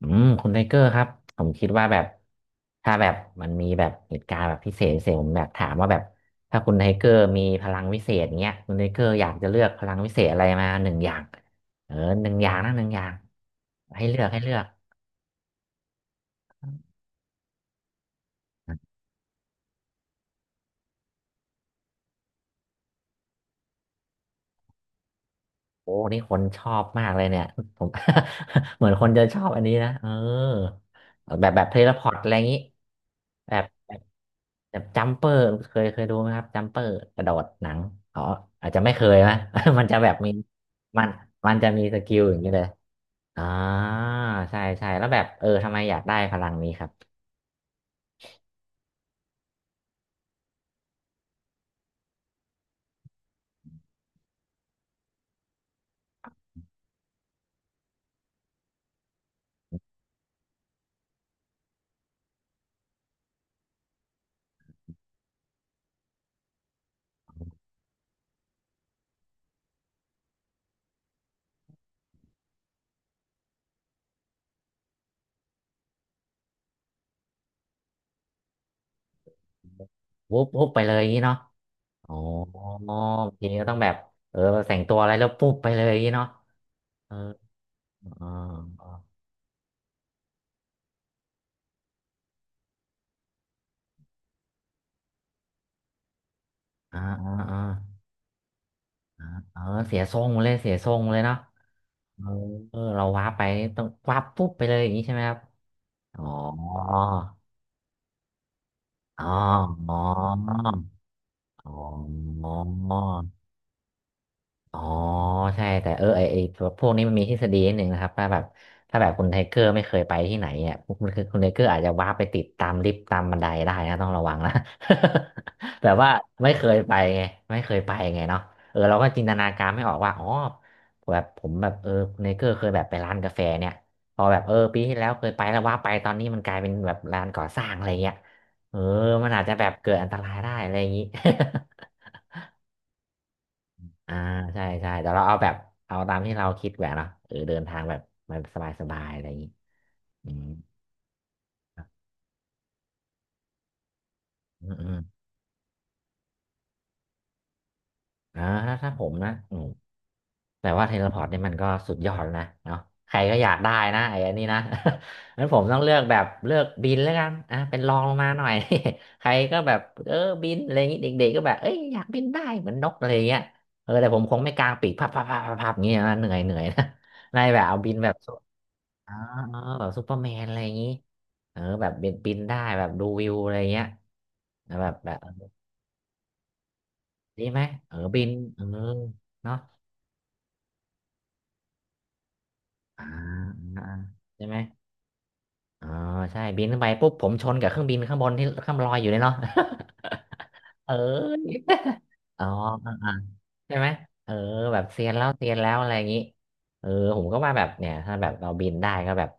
คุณไทเกอร์ครับผมคิดว่าแบบถ้าแบบมันมีแบบเหตุการณ์แบบพิเศษพิเศษผมแบบถามว่าแบบถ้าคุณไทเกอร์มีพลังวิเศษเงี้ยคุณไทเกอร์อยากจะเลือกพลังวิเศษอะไรมาหนึ่งอย่างเออหนึ่งอย่างนะหนึ่งอย่างให้เลือกให้เลือก โอ้นี่คนชอบมากเลยเนี่ยผม เหมือนคนจะชอบอันนี้นะเออแบบแบบเทเลพอร์ตอะไรอย่างนี้แบบแบบแบบจัมเปอร์เคยดูไหมครับจัมเปอร์กระโดดหนังอ๋ออาจจะไม่เคยนะ มันจะแบบมีมันมันจะมีสกิลอย่างนี้เลยอ่าใช่ใช่แล้วแบบเออทำไมอยากได้พลังนี้ครับวุบวุบไปเลยอย่างนี้เนาะอ๋อบางทีก็ต้องแบบเออแต่งตัวอะไรแล้วปุ๊บไปเลยอย่างนี้เนาะเอออ๋ออ๋ออ๋ออ๋อ เออเสียทรงเลยเสียทรงเลยเนาะเออเออเราวาร์ปไปต้องวาร์ปปุ๊บไปเลยอย่างนี้ใช่ไหมครับอ๋ออ๋ออ๋ออ๋อ อ๋อใช่แต่เออไอตัวพวกนี้มันมีทฤษฎีนิดหนึ่งนะครับถ้าแบบถ้าแบบคุณไทเกอร์ไม่เคยไปที่ไหนเนี่ยคุณคือคุณไทเกอร์อาจจะว้าไปติดตามลิฟต์ตามบันไดได้นะต้องระวังนะ แบบว่าไม่เคยไปไงไม่เคยไปไงเนาะเออเราก็จินตนาการไม่ออกว่าอ๋อแบบผมแบบเออคุณไทเกอร์เคยแบบไปร้านกาแฟเนี่ยพอแบบเออปีที่แล้วเคยไปแล้วว่าไปตอนนี้มันกลายเป็นแบบร้านก่อสร้างอะไรเงี้ยเออมันอาจจะแบบเกิดอันตรายได้อะไรอย่างนี้ อ่าใช่ใช่แต่เราเอาแบบเอาตามที่เราคิดแหวะเนาะเออเดินทางแบบมันสบายสบายอะไรอย่างนี้อืมอืมอืมถ้าผมนะแต่ว่าเทเลพอร์ตเนี่ยมันก็สุดยอดแล้วนะเนาะใครก็อยากได้นะไอ้อันนี้นะ งั้นผมต้องเลือกแบบเลือกบินแล้วกันอ่ะเป็นรองลงมาหน่อย ใครก็แบบเออบินอะไรอย่างนี้เด็กๆก็แบบเอ้ยอยากบินได้เหมือนนกอะไรอย่างเงี้ยเออแต่ผมคงไม่กางปีกพับพับพับพับอย่างเงี้ยนะเหนื่อยเหนื่อยนะ นายแบบเอาบินแบบ อ๋อแบบซูเปอร์แมนอะไรอย่างนี้เออแบบบินบินได้แบบดูวิวอะไรเงี้ยแล้วแบบแบบดีไหม เออบินเออเนาะอ่าอ่าใช่ไหมอ๋อใช่บินขึ้นไปปุ๊บผมชนกับเครื่องบินข้างบนที่ข้างลอยอยู่เลยเนาะ เออ อ๋อ ใช่ไหมเออแบบเซียนแล้วเซียนแล้วอะไรอย่างนี้เออผมก็ว่าแบบเนี่ยถ้าแบบเราบินได้ก็แบบ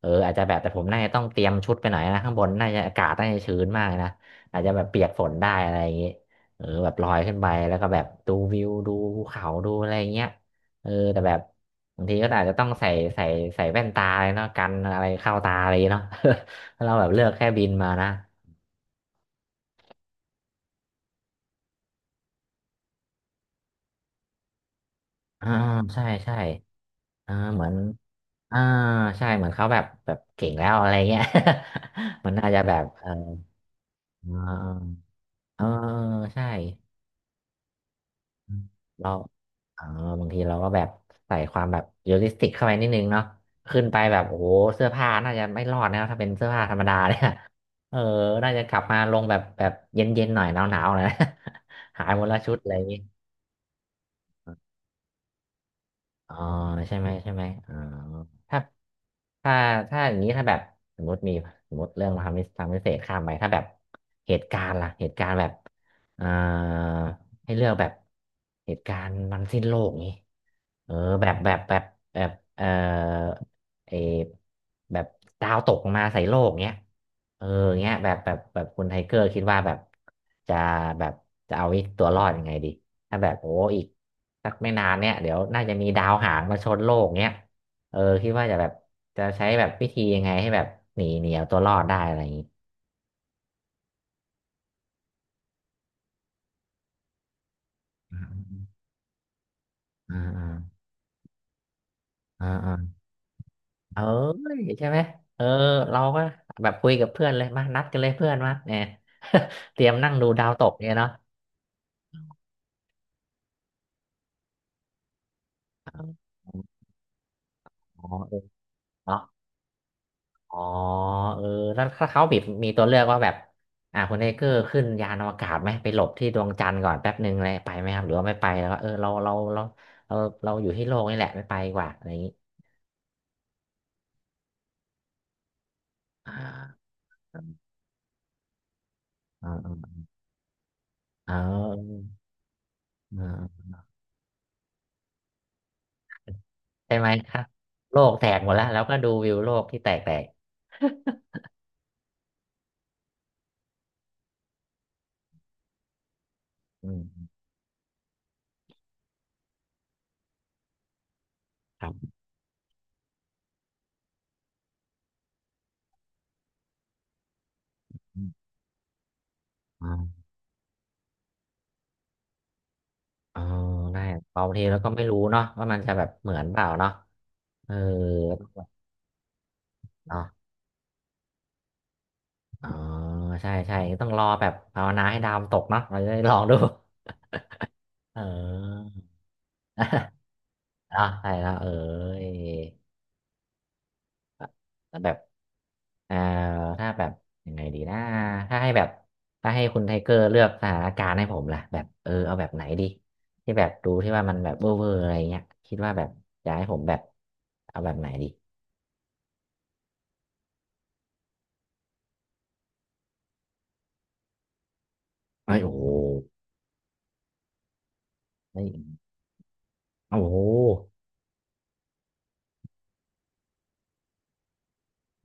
เอออาจจะแบบแต่ผมน่าจะต้องเตรียมชุดไปหน่อยนะข้างบนน่าจะอากาศน่าจะชื้นมากนะอาจจะแบบเปียกฝนได้อะไรอย่างนี้เออแบบลอยขึ้นไปแล้วก็แบบดูวิวดูภูเขาดูอะไรอย่างเงี้ยเออแต่แบบบางทีก็อาจจะต้องใส่ใส่ใส่แว่นตาเลยเนาะกันอะไรเข้าตาอะไรอย่างงี้เนาะ ถ้าเราแบบเลือกแค่บินมานะอ่าใช่ใช่เหมือน อ่าใช่เหมือนเขาแบบแบบเก่งแล้วอะไรเงี้ย มันน่าจะแบบเออเออใช่อืมเราเออบางทีเราก็แบบใส่ความแบบเรียลลิสติกเข้าไปนิดนึงเนาะขึ้นไปแบบโอ้โหเสื้อผ้าน่าจะไม่รอดนะถ้าเป็นเสื้อผ้าธรรมดาเนี่ย เออน่าจะกลับมาลงแบบแบบเย็นๆหน่อยหนาวๆหน่อยนะ หายหมดละชุดอะไรอย่างงี้อ๋อใช่ไหมใช่ไหมอ๋อถ้า ถ้าถ้าอย่างนี้ถ้าแบบสมมติมีสมมติเรื่องทำพิทำพิเศษข้ามไปถ้าแบบเหตุการณ์ล่ะเหตุการณ์แบบเอ่อให้เลือกแบบเหตุการณ์มันสิ้นโลกนี้เออแบบแบบแบบแบบเอ่อเออแบบดาวตกมาใส่โลกเนี้ยเออเงี้ยแบบแบบแบบคุณไทเกอร์คิดว่าแบบจะแบบจะเอาตัวรอดยังไงดีถ้าแบบโอ้อีกสักไม่นานเนี่ยเดี๋ยวน่าจะมีดาวหางมาชนโลกเนี้ย เออคิดว่าจะแบบจะใช้แบบวิธียังไงให้แบบหนีหนีเอาตัวรอดได้อะไรอย่างนี้อ่าอ่าอ่าอ่าเออใช่ไหมเออเราก็แบบคุยกับเพื่อนเลยมานัดกันเลยเพื่อนมาเนี่ย เตรียมนั่งดูดาวตกเนี่ยเนาะอ๋อเออเนาะอ๋อเออแล้วถ้าเขาบิดมีตัวเลือกว่าแบบคุณเอเกอร์ขึ้นยานอวกาศไหมไปหลบที่ดวงจันทร์ก่อนแป๊บหนึ่งเลยไปไหมครับหรือว่าไม่ไปแล้วก็เออเราเราอยู่ที่โลกนี่แหละไม่ไปดีกว่าอะไรอย่างนี้อ่าอ่า เออเออใช่ไหมครับโลกแตกหมดแล้วแล้วก็ดูวิวโลกที่แตกแตก อืมครับอืมอ่าเออได้บางทีแล้วก็ไม่รู้เนาะว่ามันจะแบบเหมือนเปล่าเนาะเออเนาะอ๋อใช่ใช่ต้องรอแบบภาวนาให้ดาวมันตกเนาะเราจะได้ลองดู เออ เนาะใช่แล้วเออแต่แบบ เอ่อถ้าแบบยังไงดีนะถ้าให้แบบถ้าให้คุณไทเกอร์เลือกสถานการณ์ให้ผมล่ะแบบเออเอาแบบไหนดีที่แบบดูที่ว่ามันแบบเวอร์เวอร์อะไรเงี้ยคิดว่าแบบอยากให้ผมแบบเอาแบบไหนดีไอ้ยโอ้โหเฮ้ยโอ้โห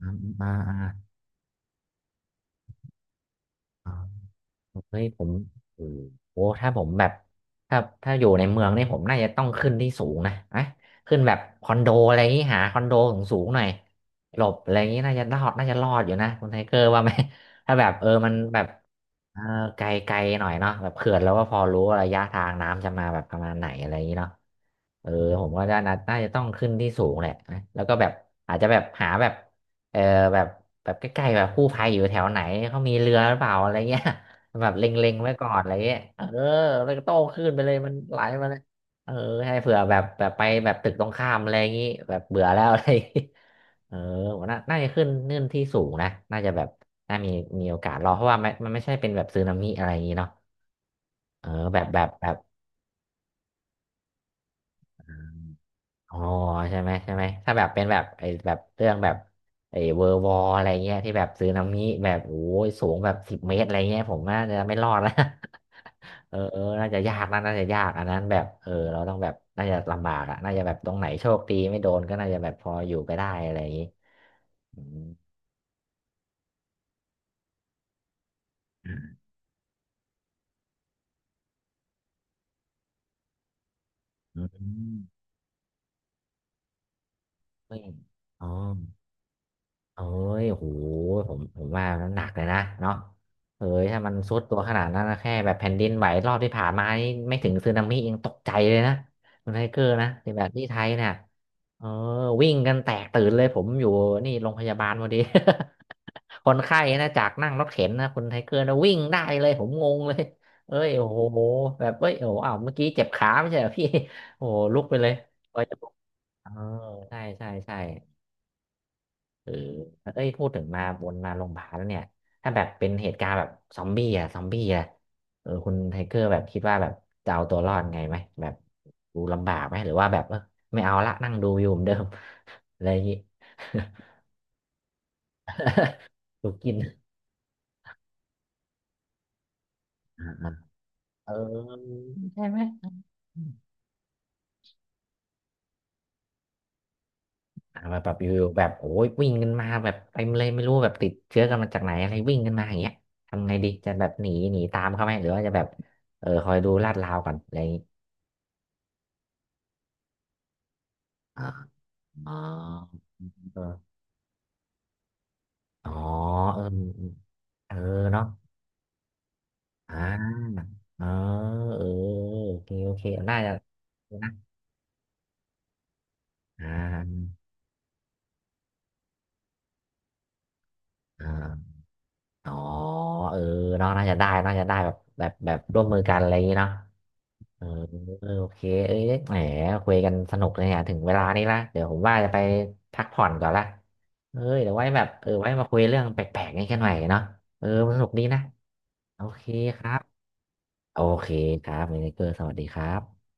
อ่าอ่าอ่า เฮ้ยผมโอ้โหถ้าผมแบบถ้าถ้าอยู่ในเมืองนี่ผมน่าจะต้องขึ้นที่สูงนะอะขึ้นแบบคอนโดอะไรอย่างงี้หาคอนโดสูงสูงหน่อยหลบอะไรอย่างงี้น่าจะรอดน่าจะรอดอยู่นะคุณไทเกอร์ว่าไหม ถ้าแบบเออมันแบบเออไกลไกลหน่อยเนาะแบบเขื่อนแล้วก็พอรู้ว่าระยะทางน้ำจะมาแบบประมาณไหนอะไรอย่างงี้เนาะเออผมว่าน่าน่าจะต้องขึ้นที่สูงแหละนะแล้วก็แบบอาจจะแบบหาแบบเออแบบแบบใกล้ๆแบบกู้ภัยอยู่แถวไหนเขามีเรือหรือเปล่าอะไรเงี้ย แบบเล็งๆไว้ก่อนอะไรเงี้ยเออแล้วก็โต้ขึ้นไปเลยมันไหลมาเลยเออให้เผื่อแบบแบบไปแบบตึกตรงข้ามอะไรอย่างงี้แบบเบื่อแล้วอะไรอย่างงี้เออผมน่าน่าจะขึ้นนื่นที่สูงนะน่าจะแบบน่ามีมีโอกาสรอดเพราะว่ามันมันไม่ใช่เป็นแบบสึนามิอะไรอย่างงี้เนาะเออแบบแบบแบบอมอ๋อใช่ไหมใช่ไหมถ้าแบบเป็นแบบไอ้แบบเรื่องแบบไอ้เวอร์วอลอะไรเงี้ยที่แบบสึนามิแบบโอ้ยสูงแบบ10 เมตรอะไรเงี้ยผมน่าจะไม่รอดแล้ว เออเออน่าจะยากนะน่าจะยากอันนั้นแบบเออเราต้องแบบน่าจะลำบากอะน่าจะแบบตรงไหนโชคดีไม่โดนก็น่าจะแบบพออยู่ไปได้อะไรอย่างนี้อืมอืมเฮ้ยอ๋อเอ้ยโหผมผมว่ามันหนักเลยนะเนาะเอ้ยถ้ามันซุดตัวขนาดนั้นนะแค่แบบแผ่นดินไหวรอบที่ผ่านมานี่ไม่ถึงสึนามิยังตกใจเลยนะคุณไทเกอร์นะแต่แบบที่ไทยเนี่ยเออวิ่งกันแตกตื่นเลยผมอยู่นี่โรงพยาบาลพอดี คนไข้นะจากนั่งรถเข็นนะคุณไทเกอร์นะวิ่งได้เลยผมงงเลยเอ้ยโอ้โหแบบเอ้ยโอ้โหอ้าวเมื่อกี้เจ็บขาไม่ใช่เหรอพี่ โอ้โหลุกไปเลยก็จะลุกเออใช่ใช่ใช่เออเอ้ยพูดถึงมาวนมาโรงพยาบาลแล้วเนี่ยถ้าแบบเป็นเหตุการณ์แบบซอมบี้อะซอมบี้อะเออคุณไทเกอร์แบบคิดว่าแบบจะเอาตัวรอดไงไหมแบบดูลำบากไหมหรือว่าแบบเออไม่เอาละนั่งดูอยู่เหมือนเดิม อะไรอย่างงี้ ดูกินอ่าๆเออใช่ไหม อ่ามาแบบอยู่ๆแบบโอ้ยวิ่งกันมาแบบเต็มเลยไม่รู้แบบติดเชื้อกันมาจากไหนอะไรวิ่งกันมาอย่างเงี้ยทำไงดีจะแบบหนีหนีตามเขาไหมหรือว่าจะแบบเออคอยดูลาดราวก่อนอะไรอย่างงี้อ๋ออ๋อเอออ๋อเออเออเนาะอ่าเออเออโอเคโอเคน่าจะนะอ่าอ่าอ๋อเออเนาะน่าจะได้น่าจะได้แบบแบบแบบร่วมมือกันอะไรอย่างงี้เนาะ เออโอเคเอ้ยแหมคุยกันสนุกเลยเนี่ยถึงเวลานี้ละเดี๋ยวผมว่าจะไปพักผ่อนก่อนละเอ้ยเดี๋ยวไว้แบบเออไว้มาคุยเรื่องแปลกๆนี้กันหน่อยเนาะเออสนุกดีนะโอเคครับโอเคครับเมเนเกอร์สวัสดีครับ